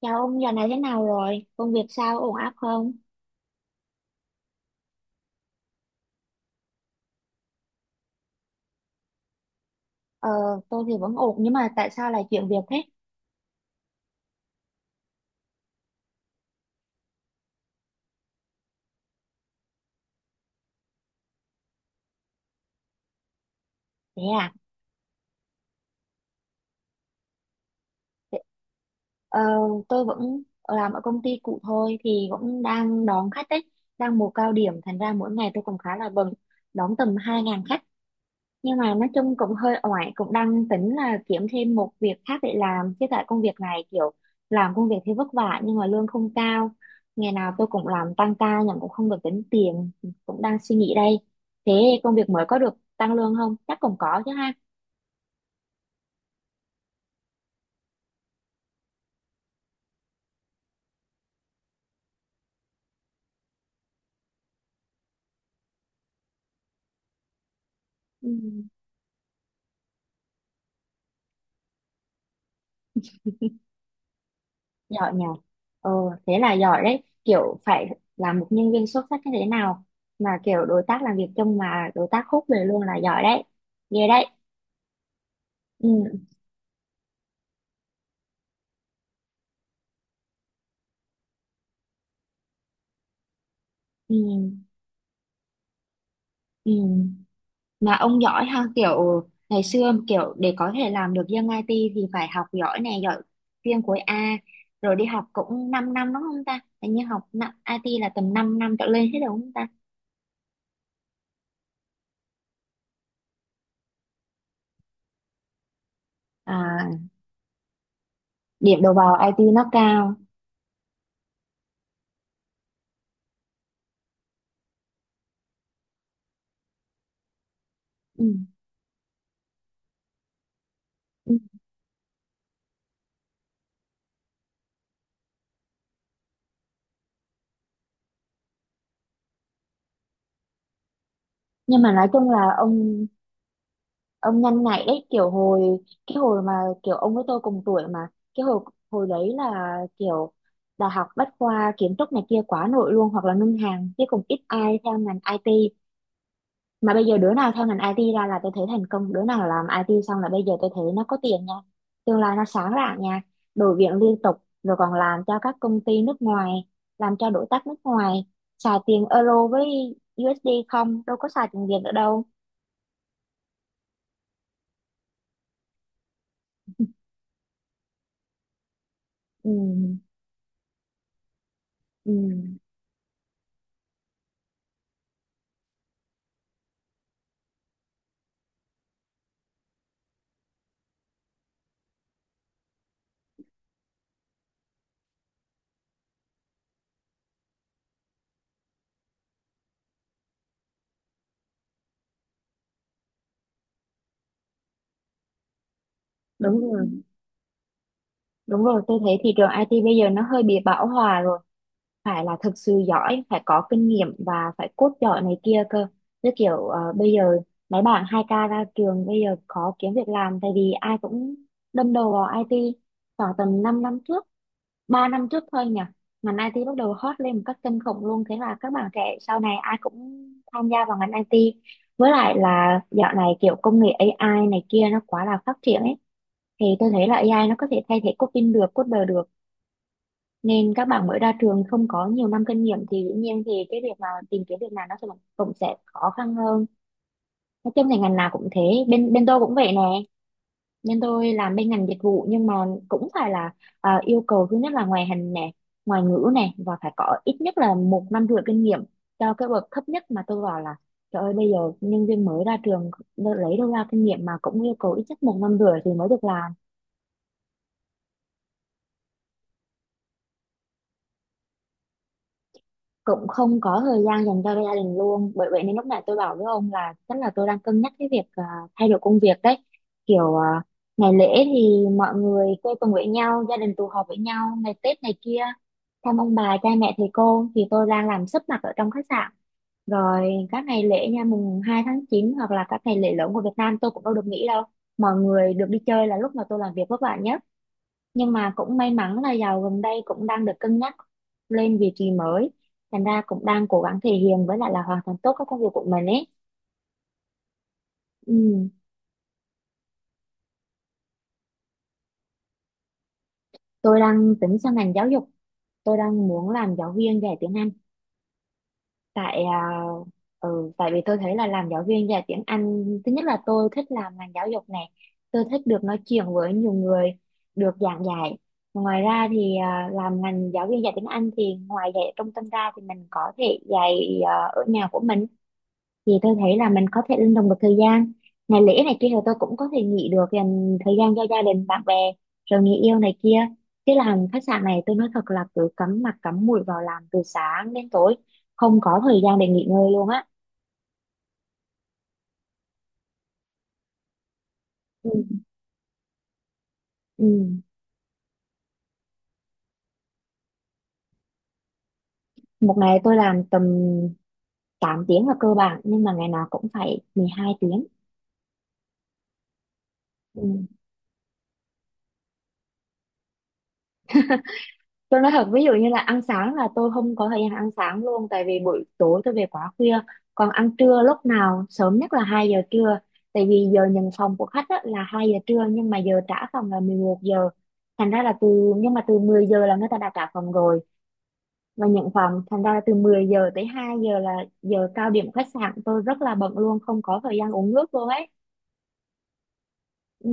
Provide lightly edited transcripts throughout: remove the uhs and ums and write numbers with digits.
Chào ông, giờ này thế nào rồi? Công việc sao, ổn áp không? Ờ, tôi thì vẫn ổn, nhưng mà tại sao lại chuyển việc thế? Thế à? Thế- Ờ, tôi vẫn làm ở công ty cũ thôi, thì cũng đang đón khách đấy, đang mùa cao điểm, thành ra mỗi ngày tôi cũng khá là bận, đón tầm 2.000 khách. Nhưng mà nói chung cũng hơi oải, cũng đang tính là kiếm thêm một việc khác để làm chứ tại công việc này kiểu làm công việc thì vất vả nhưng mà lương không cao. Ngày nào tôi cũng làm tăng ca nhưng cũng không được tính tiền, cũng đang suy nghĩ đây. Thế công việc mới có được tăng lương không, chắc cũng có chứ ha. Ừ. Giỏi nhờ. Ờ thế là giỏi đấy, kiểu phải là một nhân viên xuất sắc như thế nào mà kiểu đối tác làm việc chung mà đối tác khúc về luôn là giỏi đấy, ghê đấy. Ừ, ừ, ừ. Mà ông giỏi ha, kiểu ngày xưa kiểu để có thể làm được dân IT thì phải học giỏi nè, giỏi chuyên khối A rồi đi học cũng 5 năm đúng không ta, hình như IT là tầm 5 năm trở lên hết rồi đúng không ta. À, điểm đầu vào IT nó cao. Ừ. Ừ. Nhưng mà nói chung là ông nhanh nhạy đấy, kiểu cái hồi mà kiểu ông với tôi cùng tuổi mà cái hồi hồi đấy là kiểu đại học bách khoa, kiến trúc này kia quá nổi luôn hoặc là ngân hàng chứ cũng ít ai theo ngành IT. Mà bây giờ đứa nào theo ngành IT ra là tôi thấy thành công, đứa nào làm IT xong là bây giờ tôi thấy nó có tiền nha, tương lai nó sáng rạng nha, đổi việc liên tục, rồi còn làm cho các công ty nước ngoài, làm cho đối tác nước ngoài, xài tiền euro với USD không, đâu có xài tiền Việt nữa đâu. Ừ, ừ, đúng rồi. Đúng rồi, tôi thấy thị trường IT bây giờ nó hơi bị bão hòa rồi. Phải là thực sự giỏi, phải có kinh nghiệm và phải code giỏi này kia cơ. Như kiểu bây giờ mấy bạn 2K ra trường bây giờ khó kiếm việc làm tại vì ai cũng đâm đầu vào IT khoảng tầm 5 năm trước, 3 năm trước thôi nhỉ. Ngành IT bắt đầu hot lên một cách kinh khủng luôn. Thế là các bạn trẻ sau này ai cũng tham gia vào ngành IT. Với lại là dạo này kiểu công nghệ AI này kia nó quá là phát triển ấy, thì tôi thấy là AI nó có thể thay thế coding được, coder được, nên các bạn mới ra trường không có nhiều năm kinh nghiệm thì dĩ nhiên thì cái việc mà tìm kiếm việc làm nó sẽ cũng sẽ khó khăn hơn. Nói chung thì ngành nào cũng thế, bên bên tôi cũng vậy nè, bên tôi làm bên ngành dịch vụ nhưng mà cũng phải là, à, yêu cầu thứ nhất là ngoại hình nè, ngoại ngữ nè, và phải có ít nhất là 1,5 năm kinh nghiệm cho cái bậc thấp nhất mà tôi vào. Là trời ơi bây giờ nhân viên mới ra trường lấy đâu ra kinh nghiệm mà cũng yêu cầu ít nhất 1,5 năm thì mới được làm. Cũng không có thời gian dành cho gia đình luôn, bởi vậy nên lúc này tôi bảo với ông là chắc là tôi đang cân nhắc cái việc, à, thay đổi công việc đấy, kiểu à, ngày lễ thì mọi người quây quần với nhau, gia đình tụ họp với nhau ngày Tết này kia, thăm ông bà cha mẹ thầy cô thì tôi đang làm sấp mặt ở trong khách sạn, rồi các ngày lễ nha, 2/9 hoặc là các ngày lễ lớn của Việt Nam tôi cũng đâu được nghỉ đâu, mọi người được đi chơi là lúc mà tôi làm việc vất vả nhất. Nhưng mà cũng may mắn là giàu gần đây cũng đang được cân nhắc lên vị trí mới, thành ra cũng đang cố gắng thể hiện với lại là hoàn thành tốt các công việc của mình ấy. Ừ. Tôi đang tính sang ngành giáo dục, tôi đang muốn làm giáo viên dạy tiếng Anh. Tại à, ừ, tại vì tôi thấy là làm giáo viên dạy tiếng Anh thứ nhất là tôi thích làm ngành giáo dục này, tôi thích được nói chuyện với nhiều người, được giảng dạy, ngoài ra thì à, làm ngành giáo viên dạy tiếng Anh thì ngoài dạy ở trung tâm ra thì mình có thể dạy, ở nhà của mình thì tôi thấy là mình có thể linh động được thời gian, ngày lễ này kia thì tôi cũng có thể nghỉ được, dành thời gian cho gia đình bạn bè, rồi người yêu này kia, chứ làm khách sạn này tôi nói thật là cứ cắm mặt cắm mũi vào làm từ sáng đến tối, không có thời gian để nghỉ ngơi luôn á. Ừ. Ừ. Một ngày tôi làm tầm 8 tiếng là cơ bản nhưng mà ngày nào cũng phải 12 tiếng. Ừ. Tôi nói thật, ví dụ như là ăn sáng là tôi không có thời gian ăn sáng luôn tại vì buổi tối tôi về quá khuya. Còn ăn trưa lúc nào sớm nhất là 2 giờ trưa. Tại vì giờ nhận phòng của khách á, là 2 giờ trưa nhưng mà giờ trả phòng là 11 giờ. Thành ra là từ, nhưng mà từ 10 giờ là người ta đã trả phòng rồi và nhận phòng. Thành ra là từ 10 giờ tới 2 giờ là giờ cao điểm khách sạn tôi rất là bận luôn, không có thời gian uống nước luôn ấy. Ừ,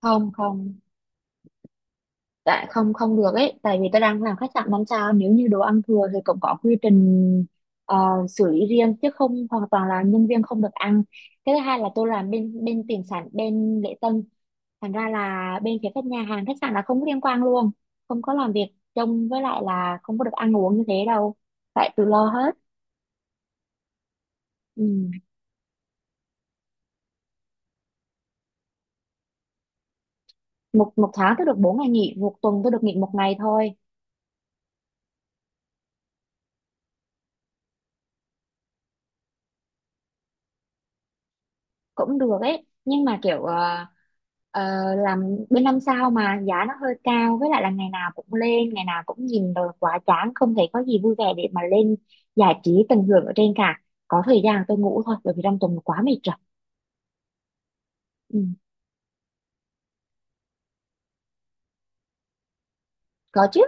không không, tại không không được ấy, tại vì tôi đang làm khách sạn 5 sao, nếu như đồ ăn thừa thì cũng có quy trình, ờ, xử lý riêng chứ không hoàn toàn là nhân viên không được ăn. Cái thứ hai là tôi làm bên bên tiền sản, bên lễ tân, thành ra là bên phía các nhà hàng khách sạn là không có liên quan luôn, không có làm việc trông với lại là không có được ăn uống như thế đâu, phải tự lo hết. Ừ. một một tháng tôi được 4 ngày nghỉ, một tuần tôi được nghỉ một ngày thôi. Cũng được ấy nhưng mà kiểu, ờ, làm bên 5 sao mà giá nó hơi cao, với lại là ngày nào cũng lên ngày nào cũng nhìn rồi quá chán, không thấy có gì vui vẻ để mà lên giải trí tận hưởng ở trên cả, có thời gian tôi ngủ thôi bởi vì trong tuần quá mệt rồi. Ừ, có chứ,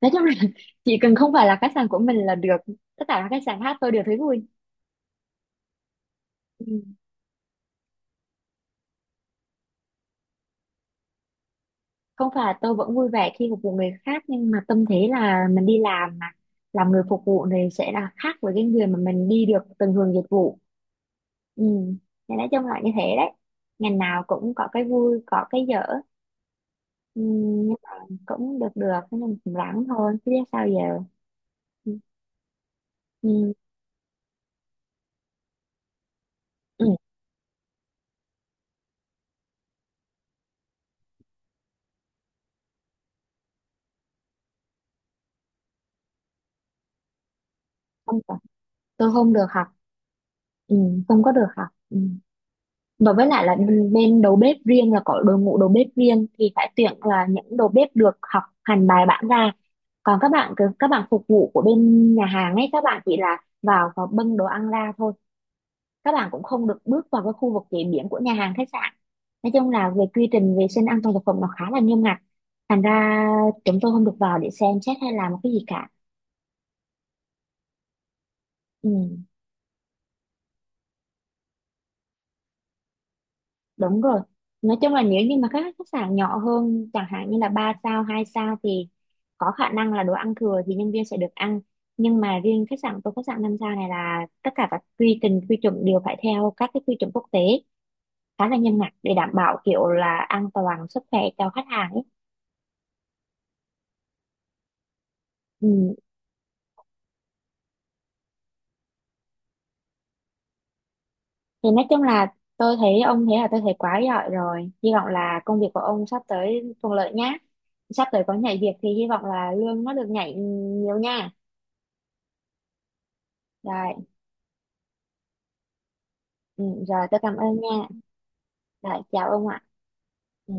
nói chung là chỉ cần không phải là khách sạn của mình là được, tất cả các khách sạn khác tôi đều thấy vui. Ừ. Không phải, tôi vẫn vui vẻ khi phục vụ người khác nhưng mà tâm thế là mình đi làm mà, làm người phục vụ thì sẽ là khác với cái người mà mình đi được từng hưởng dịch vụ. Ừ, thì nói chung là như thế đấy, ngành nào cũng có cái vui có cái dở. Ừ, nhưng mà cũng được được nên mà cũng ráng thôi chứ biết sao giờ. Ừ, ừ, ừ, không được, tôi không được học. Ừ, không có được học. Ừ. Và với lại là bên bên đầu bếp riêng là có đội ngũ đầu bếp riêng thì phải tuyển là những đầu bếp được học hành bài bản ra. Còn các bạn phục vụ của bên nhà hàng ấy các bạn chỉ là vào và bưng đồ ăn ra thôi. Các bạn cũng không được bước vào cái khu vực chế biến của nhà hàng khách sạn. Nói chung là về quy trình vệ sinh an toàn thực phẩm nó khá là nghiêm ngặt. Thành ra chúng tôi không được vào để xem xét hay làm một cái gì cả. Ừ. Đúng rồi. Nói chung là nếu như mà các khách sạn nhỏ hơn, chẳng hạn như là 3 sao, 2 sao thì có khả năng là đồ ăn thừa thì nhân viên sẽ được ăn. Nhưng mà riêng khách sạn, tôi khách sạn 5 sao này là tất cả các quy trình, quy chuẩn đều phải theo các cái quy chuẩn quốc tế khá là nghiêm ngặt để đảm bảo kiểu là an toàn sức khỏe cho khách hàng ấy. Ừ. Thì nói chung là tôi thấy ông thế là tôi thấy quá giỏi rồi. Hy vọng là công việc của ông sắp tới thuận lợi nhé. Sắp tới có nhảy việc thì hy vọng là lương nó được nhảy nhiều nha. Rồi. Ừ, rồi tôi cảm ơn nha. Rồi chào ông ạ. Ừ.